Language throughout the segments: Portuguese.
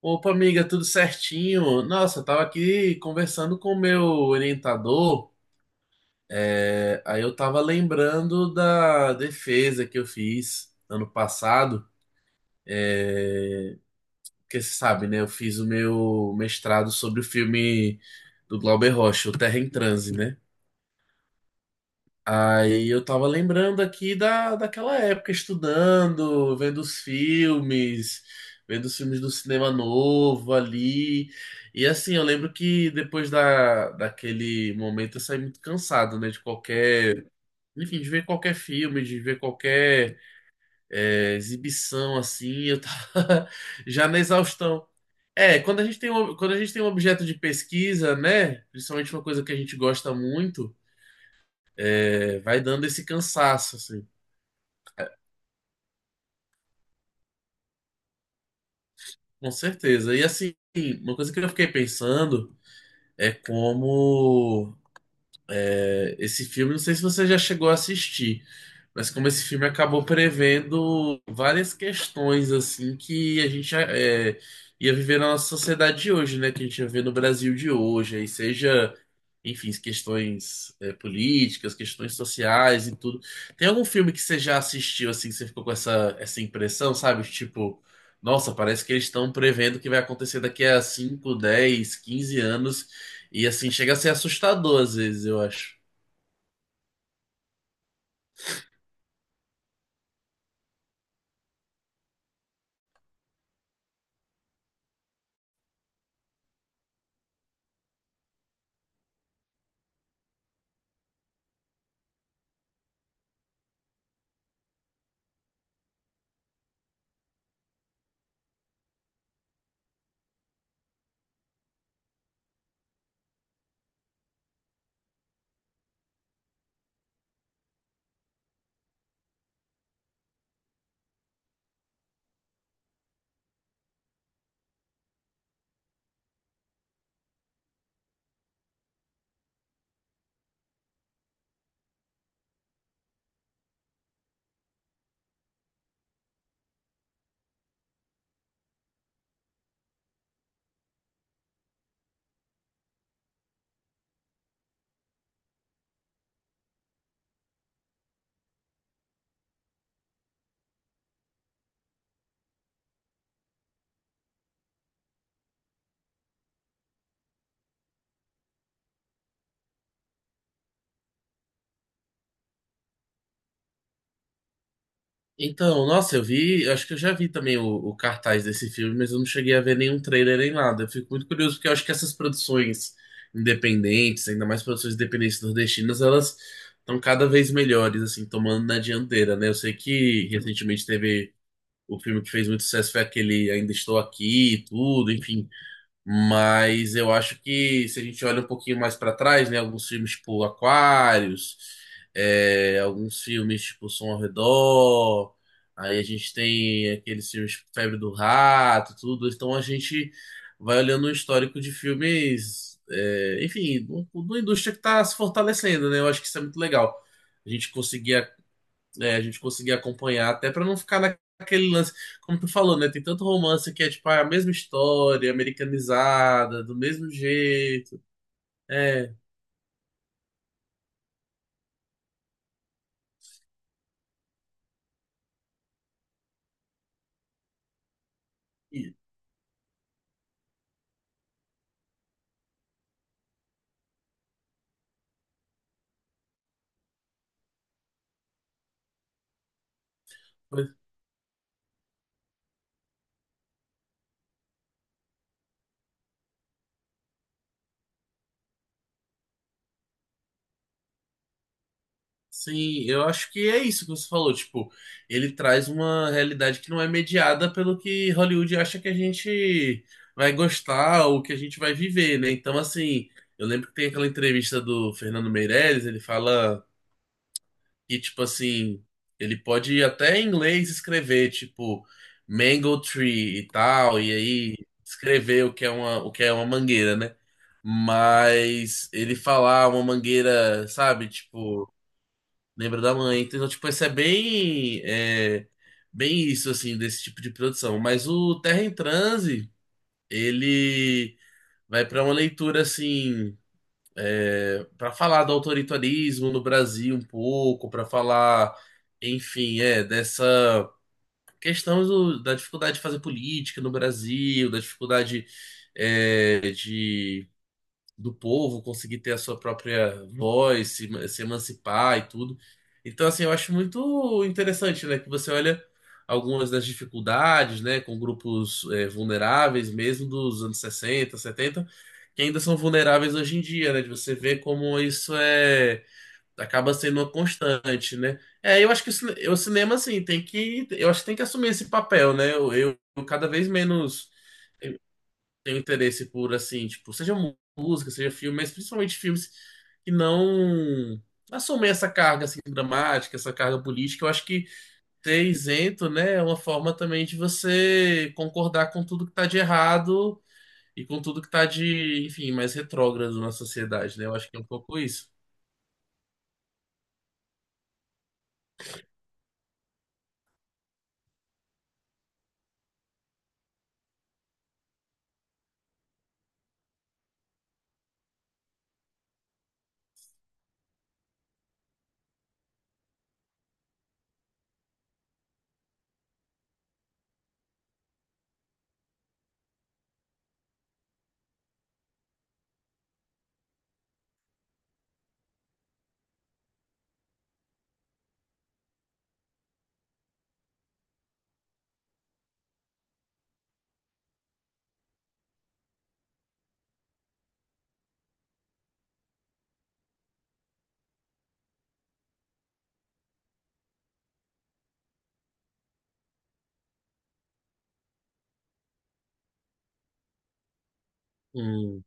Opa, amiga, tudo certinho? Nossa, eu tava aqui conversando com o meu orientador, aí eu tava lembrando da defesa que eu fiz ano passado, é, porque você sabe, né? Eu fiz o meu mestrado sobre o filme do Glauber Rocha, O Terra em Transe, né? Aí eu tava lembrando aqui daquela época, estudando, vendo os filmes do cinema novo ali. E assim, eu lembro que depois daquele momento eu saí muito cansado, né? De qualquer. Enfim, de ver qualquer filme, de ver qualquer exibição, assim, eu tava já na exaustão. É, quando a gente tem um, quando a gente tem um objeto de pesquisa, né? Principalmente uma coisa que a gente gosta muito vai dando esse cansaço, assim, com certeza. E assim, uma coisa que eu fiquei pensando é como Esse filme, não sei se você já chegou a assistir, mas como esse filme acabou prevendo várias questões assim que a gente ia viver na nossa sociedade de hoje, né? Que a gente ia ver no Brasil de hoje, aí seja, enfim, questões políticas, questões sociais e tudo. Tem algum filme que você já assistiu assim, que você ficou com essa, essa impressão, sabe? Tipo, nossa, parece que eles estão prevendo o que vai acontecer daqui a 5 10 15 anos, e assim chega a ser assustador às vezes, eu acho. Então, nossa, eu vi, eu acho que eu já vi também o cartaz desse filme, mas eu não cheguei a ver nenhum trailer nem nada. Eu fico muito curioso porque eu acho que essas produções independentes, ainda mais produções independentes nordestinas, elas estão cada vez melhores, assim, tomando na dianteira, né? Eu sei que recentemente teve o filme que fez muito sucesso foi aquele Ainda Estou Aqui e tudo, enfim. Mas eu acho que se a gente olha um pouquinho mais para trás, né, alguns filmes tipo Aquários, é, alguns filmes tipo Som ao Redor, aí a gente tem aqueles filmes tipo Febre do Rato, tudo. Então a gente vai olhando o histórico de filmes, é, enfim, da indústria que está se fortalecendo, né? Eu acho que isso é muito legal. A gente conseguir né, a gente conseguir acompanhar, até para não ficar naquele lance, como tu falou, né? Tem tanto romance que é tipo a mesma história, americanizada, do mesmo jeito. É. e- Sim, eu acho que é isso que você falou, tipo, ele traz uma realidade que não é mediada pelo que Hollywood acha que a gente vai gostar ou que a gente vai viver, né? Então, assim, eu lembro que tem aquela entrevista do Fernando Meirelles, ele fala E, tipo assim, ele pode até em inglês escrever, tipo, mango tree e tal, e aí escrever o que é uma, o que é uma mangueira, né? Mas ele falar uma mangueira, sabe? Tipo, lembra da mãe. Então, tipo, isso é, bem isso, assim, desse tipo de produção. Mas o Terra em Transe, ele vai pra uma leitura, assim para falar do autoritarismo no Brasil um pouco, para falar, enfim, dessa questão da dificuldade de fazer política no Brasil, da dificuldade de do povo, conseguir ter a sua própria voz, se, se emancipar e tudo. Então, assim, eu acho muito interessante, né, que você olha algumas das dificuldades, né, com grupos vulneráveis mesmo dos anos 60, 70, que ainda são vulneráveis hoje em dia, né, de você ver como isso é acaba sendo uma constante, né? É, eu acho que o cinema, assim, tem que, eu acho que tem que assumir esse papel, né? Eu cada vez menos tenho interesse por, assim, tipo, seja música, seja filme, mas principalmente filmes que não assumem essa carga, assim, dramática, essa carga política. Eu acho que ser isento, né, é uma forma também de você concordar com tudo que tá de errado e com tudo que tá de, enfim, mais retrógrado na sociedade, né? Eu acho que é um pouco isso. Hum.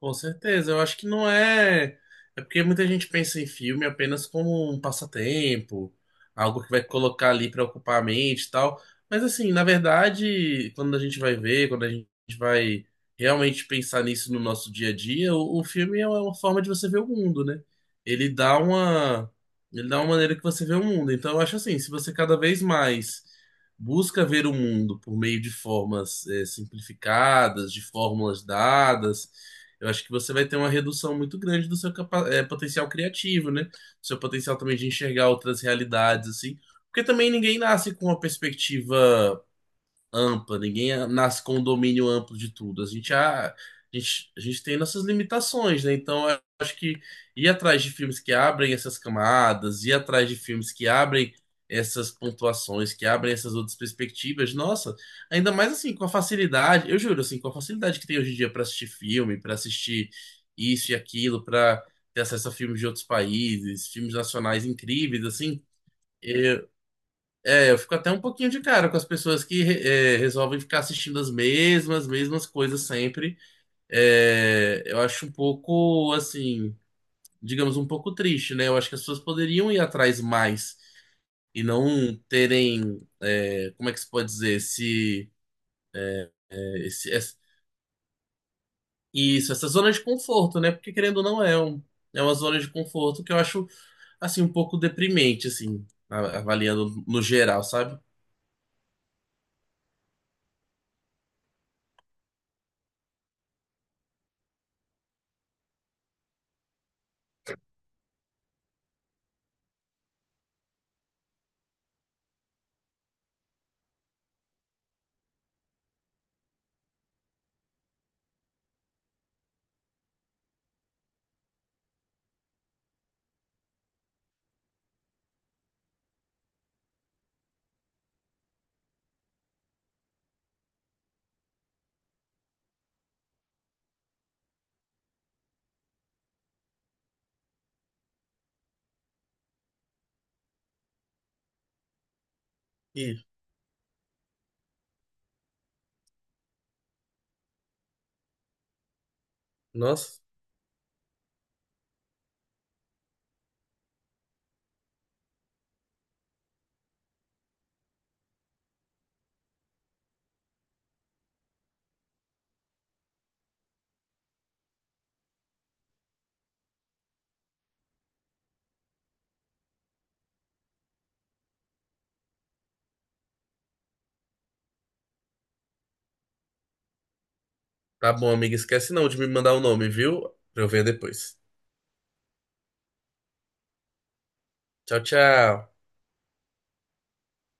Com certeza, eu acho que não é. É porque muita gente pensa em filme apenas como um passatempo, algo que vai colocar ali para ocupar a mente e tal. Mas assim, na verdade, quando a gente vai ver, quando a gente vai realmente pensar nisso no nosso dia a dia, o filme é uma forma de você ver o mundo, né? Ele dá uma, ele dá uma maneira que você vê o mundo. Então, eu acho assim, se você cada vez mais busca ver o mundo por meio de formas, simplificadas, de fórmulas dadas eu acho que você vai ter uma redução muito grande do seu potencial criativo, né? Do seu potencial também de enxergar outras realidades, assim. Porque também ninguém nasce com uma perspectiva ampla, ninguém nasce com um domínio amplo de tudo. A gente, a gente tem nossas limitações, né? Então, eu acho que ir atrás de filmes que abrem essas camadas, ir atrás de filmes que abrem essas pontuações, que abrem essas outras perspectivas, nossa, ainda mais assim, com a facilidade, eu juro, assim, com a facilidade que tem hoje em dia para assistir filme, para assistir isso e aquilo, para ter acesso a filmes de outros países, filmes nacionais incríveis, assim. É, eu fico até um pouquinho de cara com as pessoas que resolvem ficar assistindo as mesmas coisas sempre. É, eu acho um pouco, assim, digamos, um pouco triste, né? Eu acho que as pessoas poderiam ir atrás mais e não terem, é, como é que se pode dizer, esse, é, esse- essa- isso, essa zona de conforto, né? Porque querendo ou não é um, é uma zona de conforto que eu acho, assim, um pouco deprimente, assim, avaliando no geral, sabe? E, nossa. Tá bom, amiga. Esquece não de me mandar o nome, viu? Pra eu ver depois. Tchau, tchau.